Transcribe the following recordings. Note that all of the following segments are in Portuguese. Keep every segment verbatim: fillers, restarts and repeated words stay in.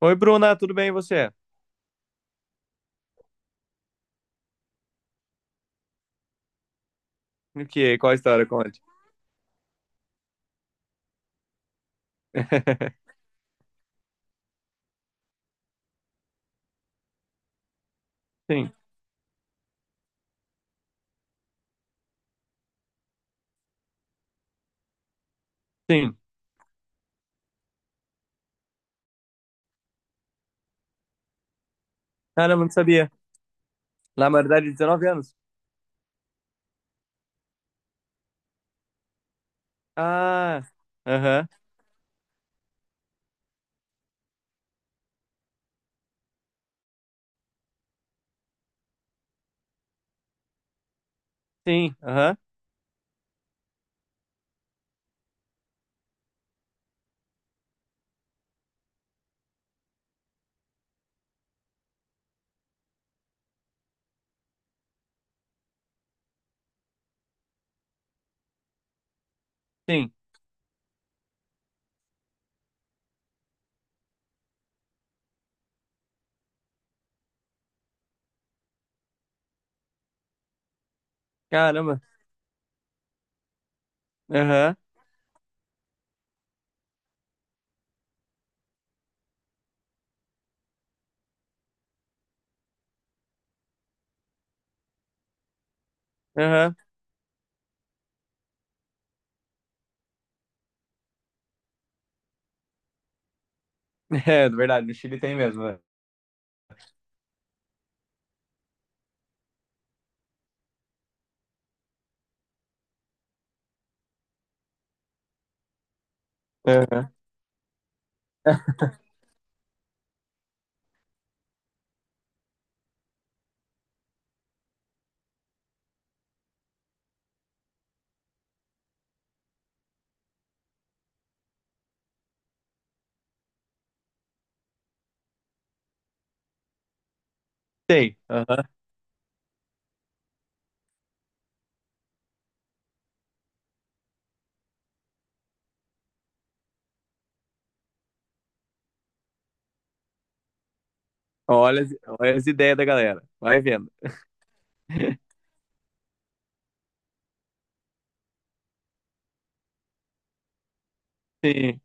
Oi, Bruna, tudo bem e você? O que? Qual a história? Conte. Sim, sim. Caramba, não sabia. Na maioridade de dezenove anos. Ah, aham, sim, aham, sim. Caramba, aham, aham. É, verdade, no Chile tem mesmo, né? Aham. Tem, aham. Olha, as- olha as ideias da galera. Vai vendo. Sim.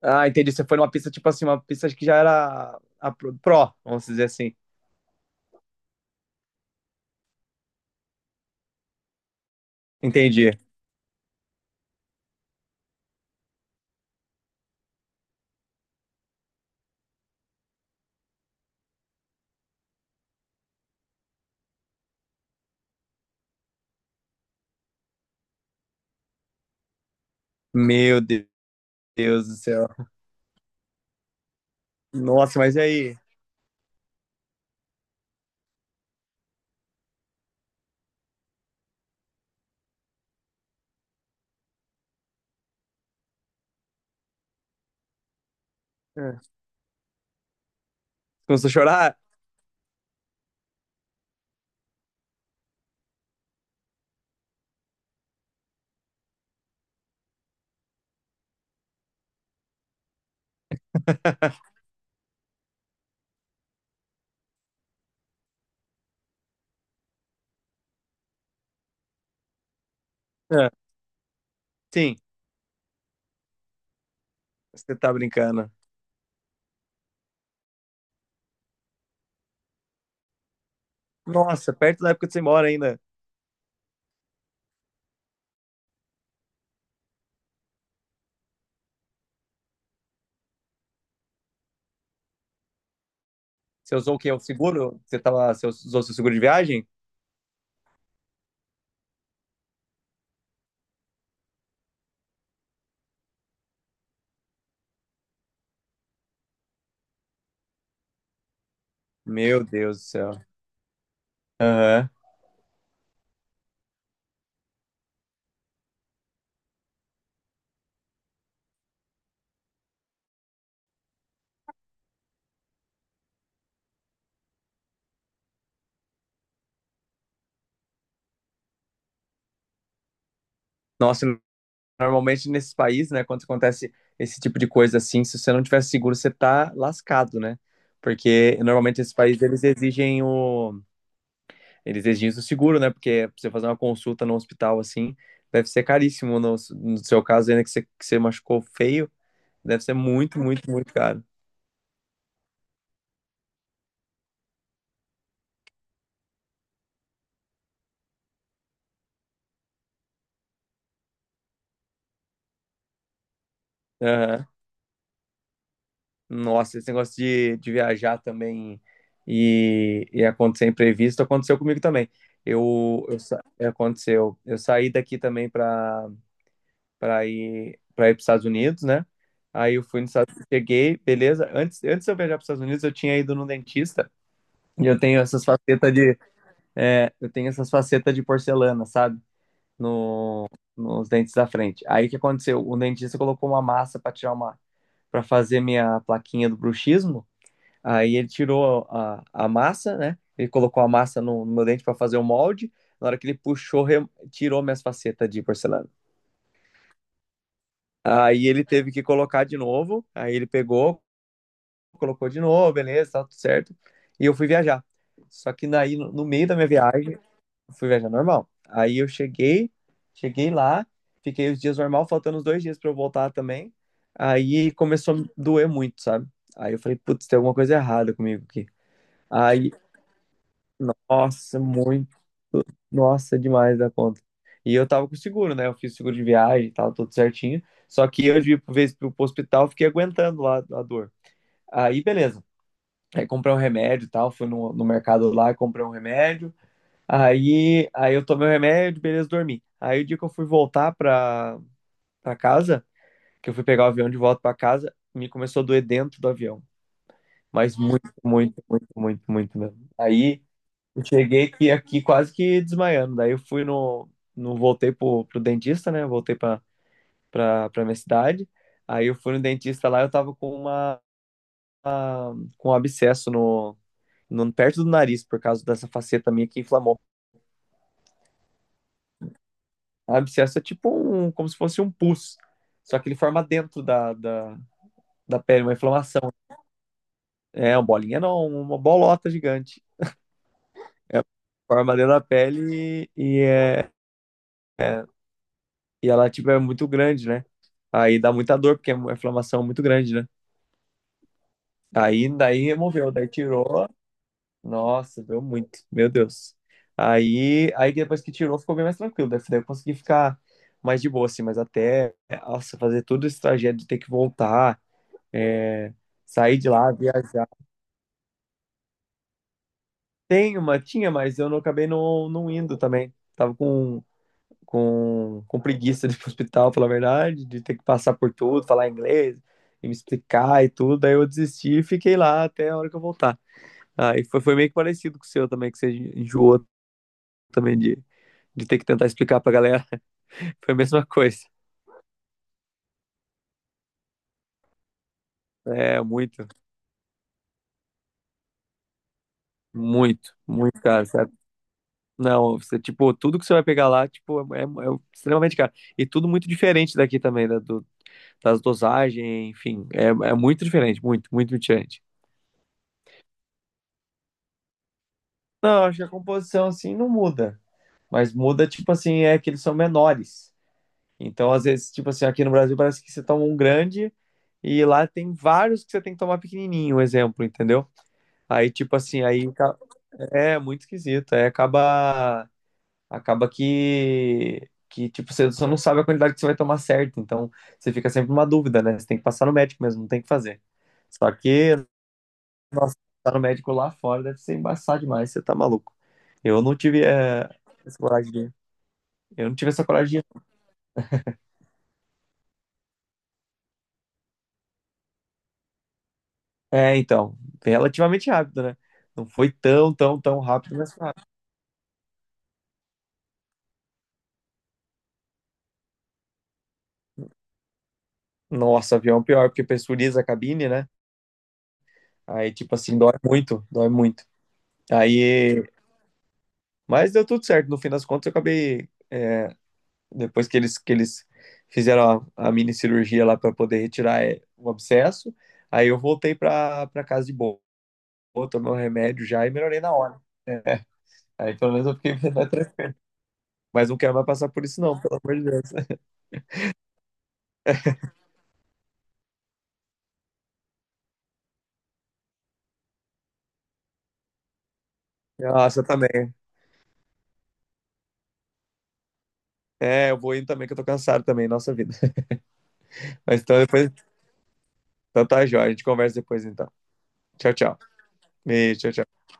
Ah, entendi. Você foi numa pista, tipo assim, uma pista que já era a pro, pro, vamos dizer assim. Entendi. Meu Deus do céu. Nossa, mas e aí? É. Começou a chorar? É. Sim, você tá brincando. Nossa, perto da época que você mora ainda. Você usou o quê? O seguro? Você tava, você usou seu seguro de viagem? Meu Deus do céu. Aham. Nossa, normalmente nesses países, né, quando acontece esse tipo de coisa assim, se você não tiver seguro, você tá lascado, né? Porque normalmente esses países eles exigem o eles exigem o seguro, né? Porque pra você fazer uma consulta no hospital assim, deve ser caríssimo no, no seu caso, ainda que você, que você machucou feio, deve ser muito, muito, muito caro. Nossa, esse negócio de, de viajar também e, e acontecer imprevisto aconteceu comigo também. Eu, eu sa- aconteceu. Eu saí daqui também para para ir para ir para os Estados Unidos, né? Aí eu fui nos Estados Unidos, cheguei, beleza. Antes, antes de eu viajar para os Estados Unidos, eu tinha ido no dentista e eu tenho essas facetas de é, eu tenho essas facetas de porcelana, sabe? No, nos dentes da frente. Aí o que aconteceu? O dentista colocou uma massa para tirar uma para fazer minha plaquinha do bruxismo. Aí ele tirou a, a massa, né? Ele colocou a massa no, no meu dente para fazer o molde. Na hora que ele puxou, re- tirou minhas facetas de porcelana. Aí ele teve que colocar de novo. Aí ele pegou, colocou de novo, beleza, tá tudo certo. E eu fui viajar. Só que daí, no, no meio da minha viagem, eu fui viajar normal. Aí eu cheguei, cheguei lá, fiquei os dias normal, faltando os dois dias para eu voltar também. Aí começou a me doer muito, sabe? Aí eu falei, putz, tem alguma coisa errada comigo aqui. Aí. Nossa, muito. Nossa, é demais da conta. E eu tava com seguro, né? Eu fiz seguro de viagem e tal, tudo certinho. Só que eu, de vez pro pro hospital, fiquei aguentando lá a dor. Aí, beleza. Aí comprei um remédio e tal. Fui no, no mercado lá, comprei um remédio. Aí, aí eu tomei o remédio, beleza, dormi. Aí o dia que eu fui voltar pra, pra casa, que eu fui pegar o avião de volta pra casa, me começou a doer dentro do avião. Mas muito, muito, muito, muito, muito mesmo. Aí. Eu cheguei aqui, aqui quase que desmaiando. Daí eu fui no, no voltei pro, pro dentista, né? Voltei pra, pra, pra minha cidade. Aí eu fui no dentista lá, eu tava com uma, uma- com um abscesso no, no perto do nariz por causa dessa faceta minha que inflamou. O abscesso é tipo um, como se fosse um pus. Só que ele forma dentro da, da, da pele, uma inflamação. É, uma bolinha não, uma bolota gigante. É, forma dentro da pele e, e é. é, e ela, tipo, é muito grande, né? Aí dá muita dor, porque é uma inflamação muito grande, né? Aí daí removeu, daí tirou. Nossa, doeu muito, meu Deus. Aí, aí depois que tirou, ficou bem mais tranquilo. Daí daí eu consegui ficar mais de boa, assim, mas até, nossa, fazer todo esse trajeto de ter que voltar, é, sair de lá, viajar. Tem uma, tinha, mas eu não acabei não, não indo também. Tava com com, com preguiça de ir pro hospital, falar a verdade, de ter que passar por tudo, falar inglês e me explicar e tudo. Aí eu desisti e fiquei lá até a hora que eu voltar. Aí foi, foi meio que parecido com o seu também, que você enjoou também de, de ter que tentar explicar pra galera. Foi a mesma coisa. É, muito, muito, muito caro, sabe? Não, você, tipo, tudo que você vai pegar lá, tipo, é, é é extremamente caro. E tudo muito diferente daqui também, da, do, das dosagens, enfim, é, é muito diferente, muito, muito diferente. Não, acho que a composição, assim, não muda. Mas muda, tipo assim, é que eles são menores. Então, às vezes, tipo assim, aqui no Brasil parece que você toma um grande e lá tem vários que você tem que tomar pequenininho, um exemplo, entendeu? Aí, tipo assim, aí ca- é muito esquisito. Aí acaba, acaba que, que tipo, você só não sabe a quantidade que você vai tomar certo. Então, você fica sempre numa dúvida, né? Você tem que passar no médico mesmo, não tem o que fazer. Só que passar no médico lá fora deve ser embaçado demais, você tá maluco. Eu não tive eh, essa coragem de, eu não tive essa coragem. É, então, relativamente rápido, né? Não foi tão, tão, tão rápido, mas foi rápido. Nossa, avião pior, porque pressuriza a cabine, né? Aí, tipo assim, dói muito, dói muito. Aí, mas deu tudo certo. No fim das contas, eu acabei, depois que eles, que eles fizeram a, a mini cirurgia lá para poder retirar é, o abscesso, aí eu voltei pra, pra casa de boa, tomei o remédio já e melhorei na hora. É. Aí pelo menos eu fiquei mais tranquilo. Mas não quero mais passar por isso, não, pelo amor de Deus. Nossa, eu também. É, eu vou indo também, que eu tô cansado também, nossa vida. Mas então depois. Então tá, Jó. A gente conversa depois então. Tchau, tchau. Beijo, tchau, tchau.